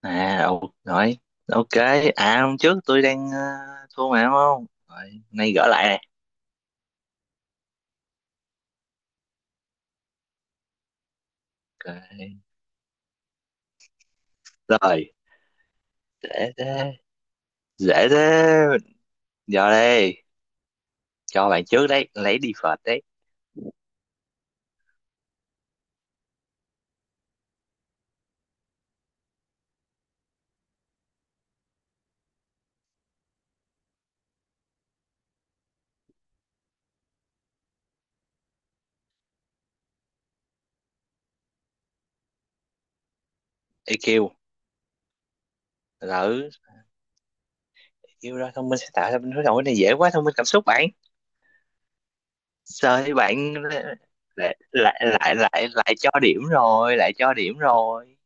À, ồ, rồi, ok. À, hôm trước tôi đang thua mà đúng không? Rồi, nay gỡ lại nè. Ok. Rồi, dễ thế. Dễ thế. Giờ đây, cho bạn trước đấy, lấy đi phật đấy. EQ. Lỡ, EQ đó, thông minh sẽ tạo ra bên đối đầu. Cái này dễ quá, thông minh cảm xúc bạn. Trời, bạn lại cho điểm rồi, lại cho điểm rồi.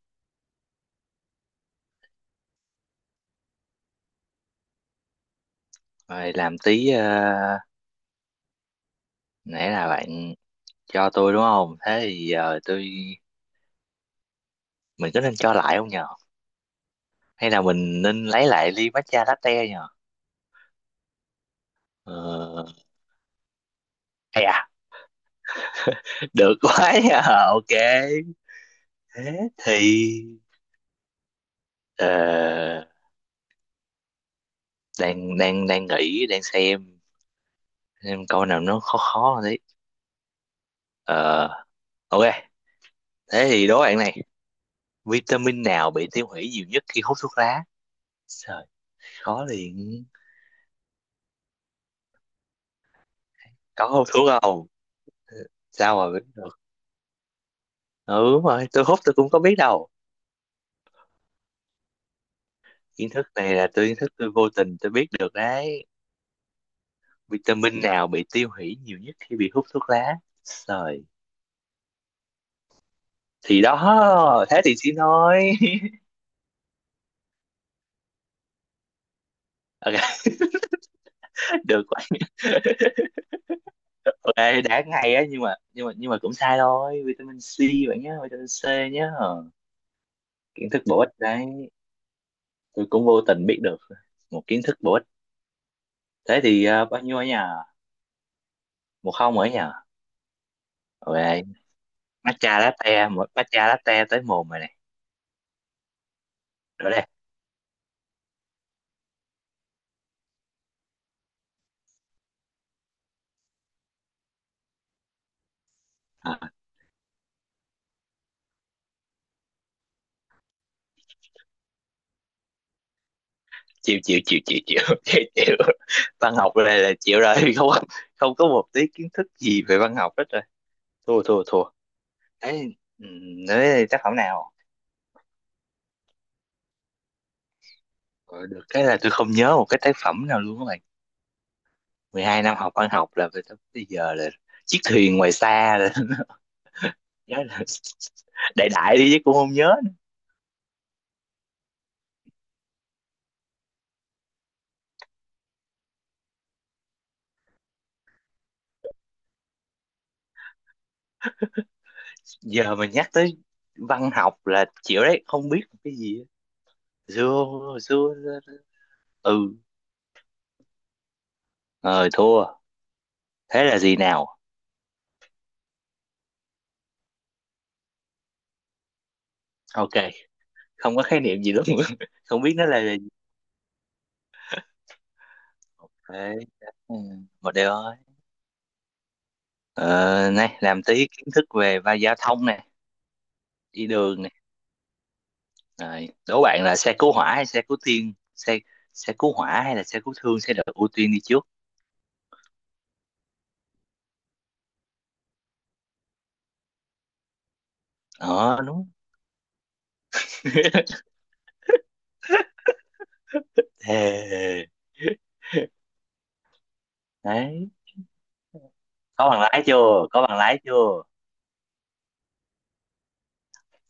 Rồi, làm tí, nãy là bạn cho tôi đúng không? Thế thì giờ tôi, mình có nên cho lại không nhờ? Hay là mình nên lấy lại ly matcha latte nhờ? Ờ, hay à, được quá nha. Ok, thế thì ờ, đang đang đang nghĩ, đang xem câu nào nó khó khó hơn đấy. Ờ, ok, thế thì đố bạn này: vitamin nào bị tiêu hủy nhiều nhất khi hút thuốc lá? Trời, khó liền. Có hút thuốc không? Sao mà biết được? Ừ, đúng rồi, tôi hút tôi cũng có biết đâu. Kiến thức này là tôi, kiến thức tôi vô tình tôi biết được đấy. Vitamin nào bị tiêu hủy nhiều nhất khi bị hút thuốc lá? Rồi thì đó, thế thì chỉ nói. Ok, được quá. Ok, đã ngay á, nhưng mà cũng sai thôi, vitamin C bạn nhé, vitamin C nhé. Ờ, kiến thức bổ ích đấy, tôi cũng vô tình biết được một kiến thức bổ ích. Thế thì ờ, bao nhiêu ở nhà? Một không ở nhà. Ok, matcha latte, một matcha latte tới mồm rồi này. Rồi đây. À. chịu chịu chịu chịu chịu. chịu chịu, văn học này là chịu rồi. Không, không có một tí kiến thức gì về văn học hết rồi. Thua thua thua. Ấy, nói tác phẩm nào? Ờ, được cái là tôi không nhớ một cái tác phẩm nào luôn các bạn. Mười hai năm học văn học là về tới bây giờ là chiếc thuyền ngoài xa là, nhớ là đại đại đi chứ cũng không nhớ. Giờ mình nhắc tới văn học là chịu đấy, không biết một cái gì á. xưa xưa. Ừ, rồi, thua. Thế là gì nào? Ok, không có khái niệm gì lắm. Không biết nó là gì. Thế, ừ, một điều thôi. Ờ, này làm tí kiến thức về va giao thông nè, đi đường nè. Rồi đố bạn là xe cứu hỏa hay xe cứu thương, xe xe cứu hỏa hay là xe cứu thương sẽ được ưu tiên đi trước? Ờ, đúng. Thề. Đấy, có bằng lái chưa? Có bằng lái chưa?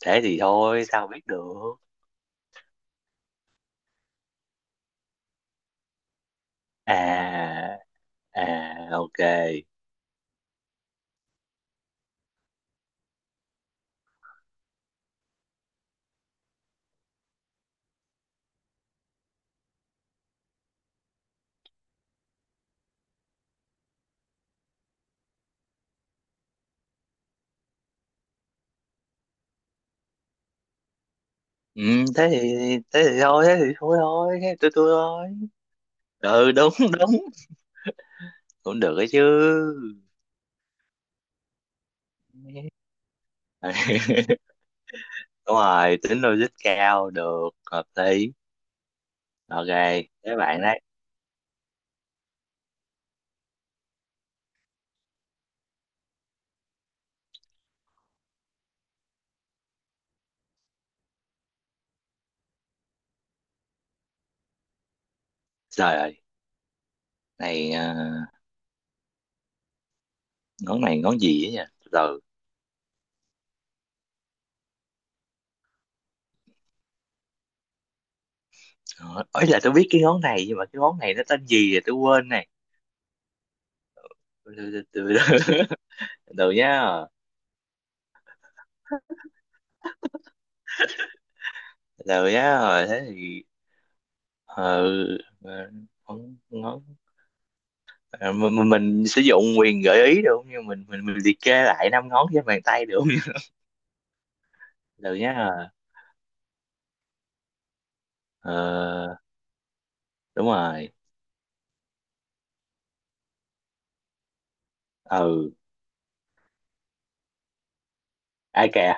Thế thì thôi, sao biết được? À, à, ok. Ừ, thế thì thế thì thôi thôi thế tôi thôi. Ừ, đúng. Đúng, cũng được ấy chứ. Đúng rồi, tính logic cao, được, hợp lý. Ok, các bạn đấy. Trời ơi, này à, ngón này ngón gì ấy nhỉ, từ từ. Ờ, ấy là tôi biết cái ngón này, nhưng mà cái ngón này nó tên gì rồi tôi quên này. Từ từ. Từ từ nhá. Từ từ nhá, rồi thế thì ờ, ờ, ngón ngón ờ, mình sử dụng quyền gợi ý được không? Nhưng mình liệt kê lại năm ngón trên bàn tay được không? Từ từ nhá. Ờ, đúng rồi. Ừ, ai kìa.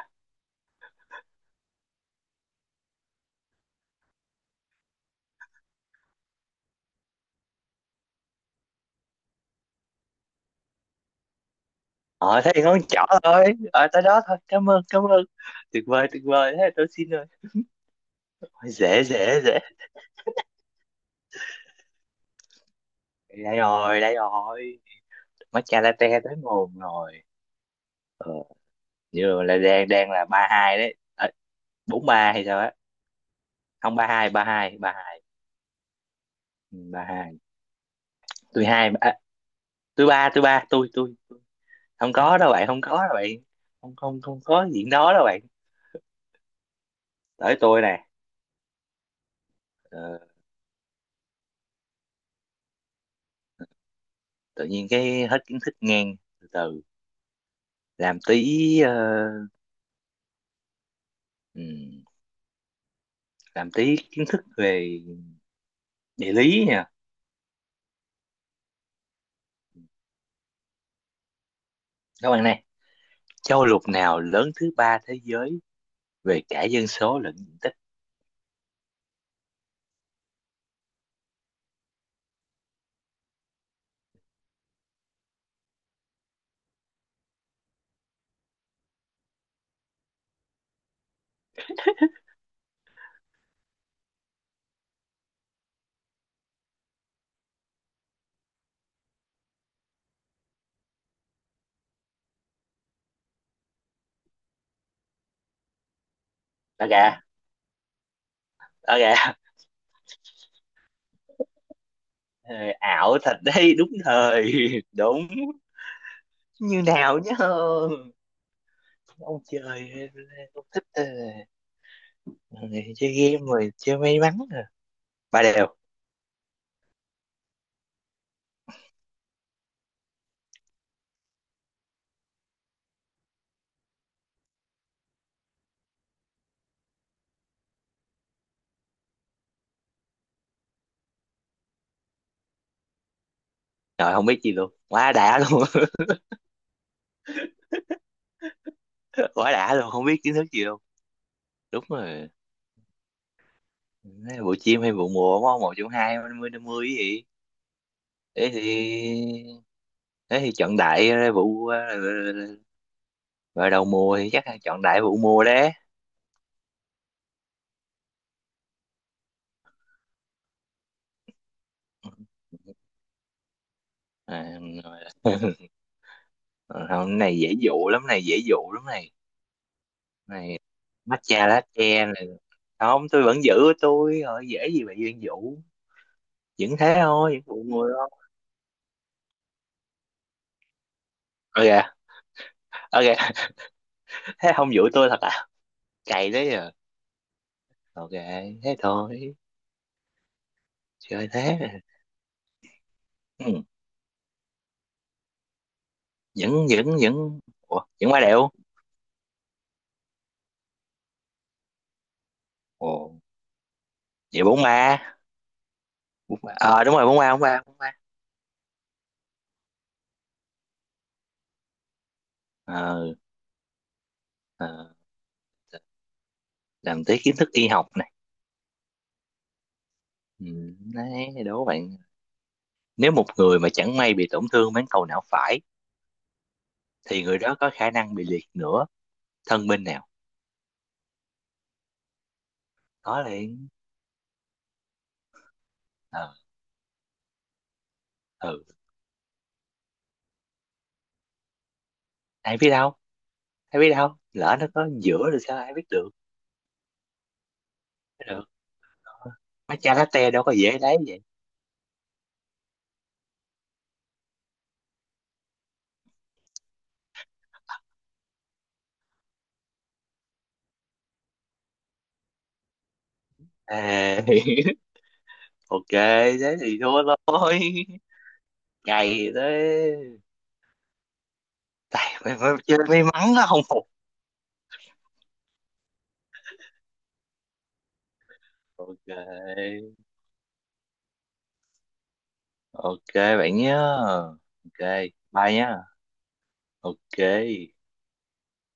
Ờ, thấy ngón trỏ thôi. Ờ, tới đó thôi, cảm ơn, cảm ơn. Tuyệt vời, tuyệt vời, thế tôi xin rồi. Ôi, dễ dễ dễ. Đây rồi, đây rồi. Matcha latte tới nguồn rồi. Ờ, như là đang đang là ba hai đấy. Ờ, bốn ba hay sao á? Không, ba hai. Ừ, ba hai. Tôi hai à, tôi ba, tôi ba tôi tôi. Không có đâu bạn, không có đâu bạn. Không không, không có chuyện đó đâu bạn. Tới tôi nè. Ờ, tự nhiên cái hết kiến thức ngang, từ từ. Làm tí ờ, ừm, làm tí kiến thức về địa lý nha, các bạn này. Châu lục nào lớn thứ ba thế giới về cả dân số lẫn diện tích? Đó kìa, đó kìa. Ờ, ảo thật đấy, đúng thời. Đúng. Như nào nhá. Ông trời, ông thích ờ, chơi game rồi, chơi may mắn rồi. Ba đều rồi. Không biết gì luôn, quá đã luôn. Quá đã luôn, không biết kiến thức gì luôn. Đúng rồi. Đấy, bộ chim hay vụ mùa, đúng không, một trong hai, năm mươi gì. Thế thì, thế thì chọn đại ra vụ ờ, vào đầu mùa thì chắc là chọn đại vụ mùa đấy. À, rồi. Còn không, cái này dễ dụ lắm này, dễ dụ lắm này. Này, matcha latte này. Không, tôi vẫn giữ của tôi rồi, dễ gì mà duyên dụ. Vẫn thế thôi, vẫn vụ mùa thôi. Ok. Ok. Thế không dụ tôi thật à? Cày đấy à? Ok, thế thôi. Chơi thế à. Ừ. vẫn vẫn vẫn. Ủa, vẫn qua đẹo. Ồ, vậy bóng ma, bóng ma đúng rồi, bóng ma. Ờ, ờ, làm tới kiến thức y học này. Ừ, đấy, đố bạn, nếu một người mà chẳng may bị tổn thương bán cầu não phải thì người đó có khả năng bị liệt nửa thân bên nào? Có liền. Ờ, ừ, ai biết đâu, ai biết đâu, lỡ nó có giữa rồi sao, ai biết được? Được, mấy chai latte đâu có dễ lấy vậy. À, ok, thế thì thua thôi. Ngày tới. Tại mày, mày chơi may mắn nó không phục. Ok. Ok, bạn nhé. Ok, bye nhé. Ok.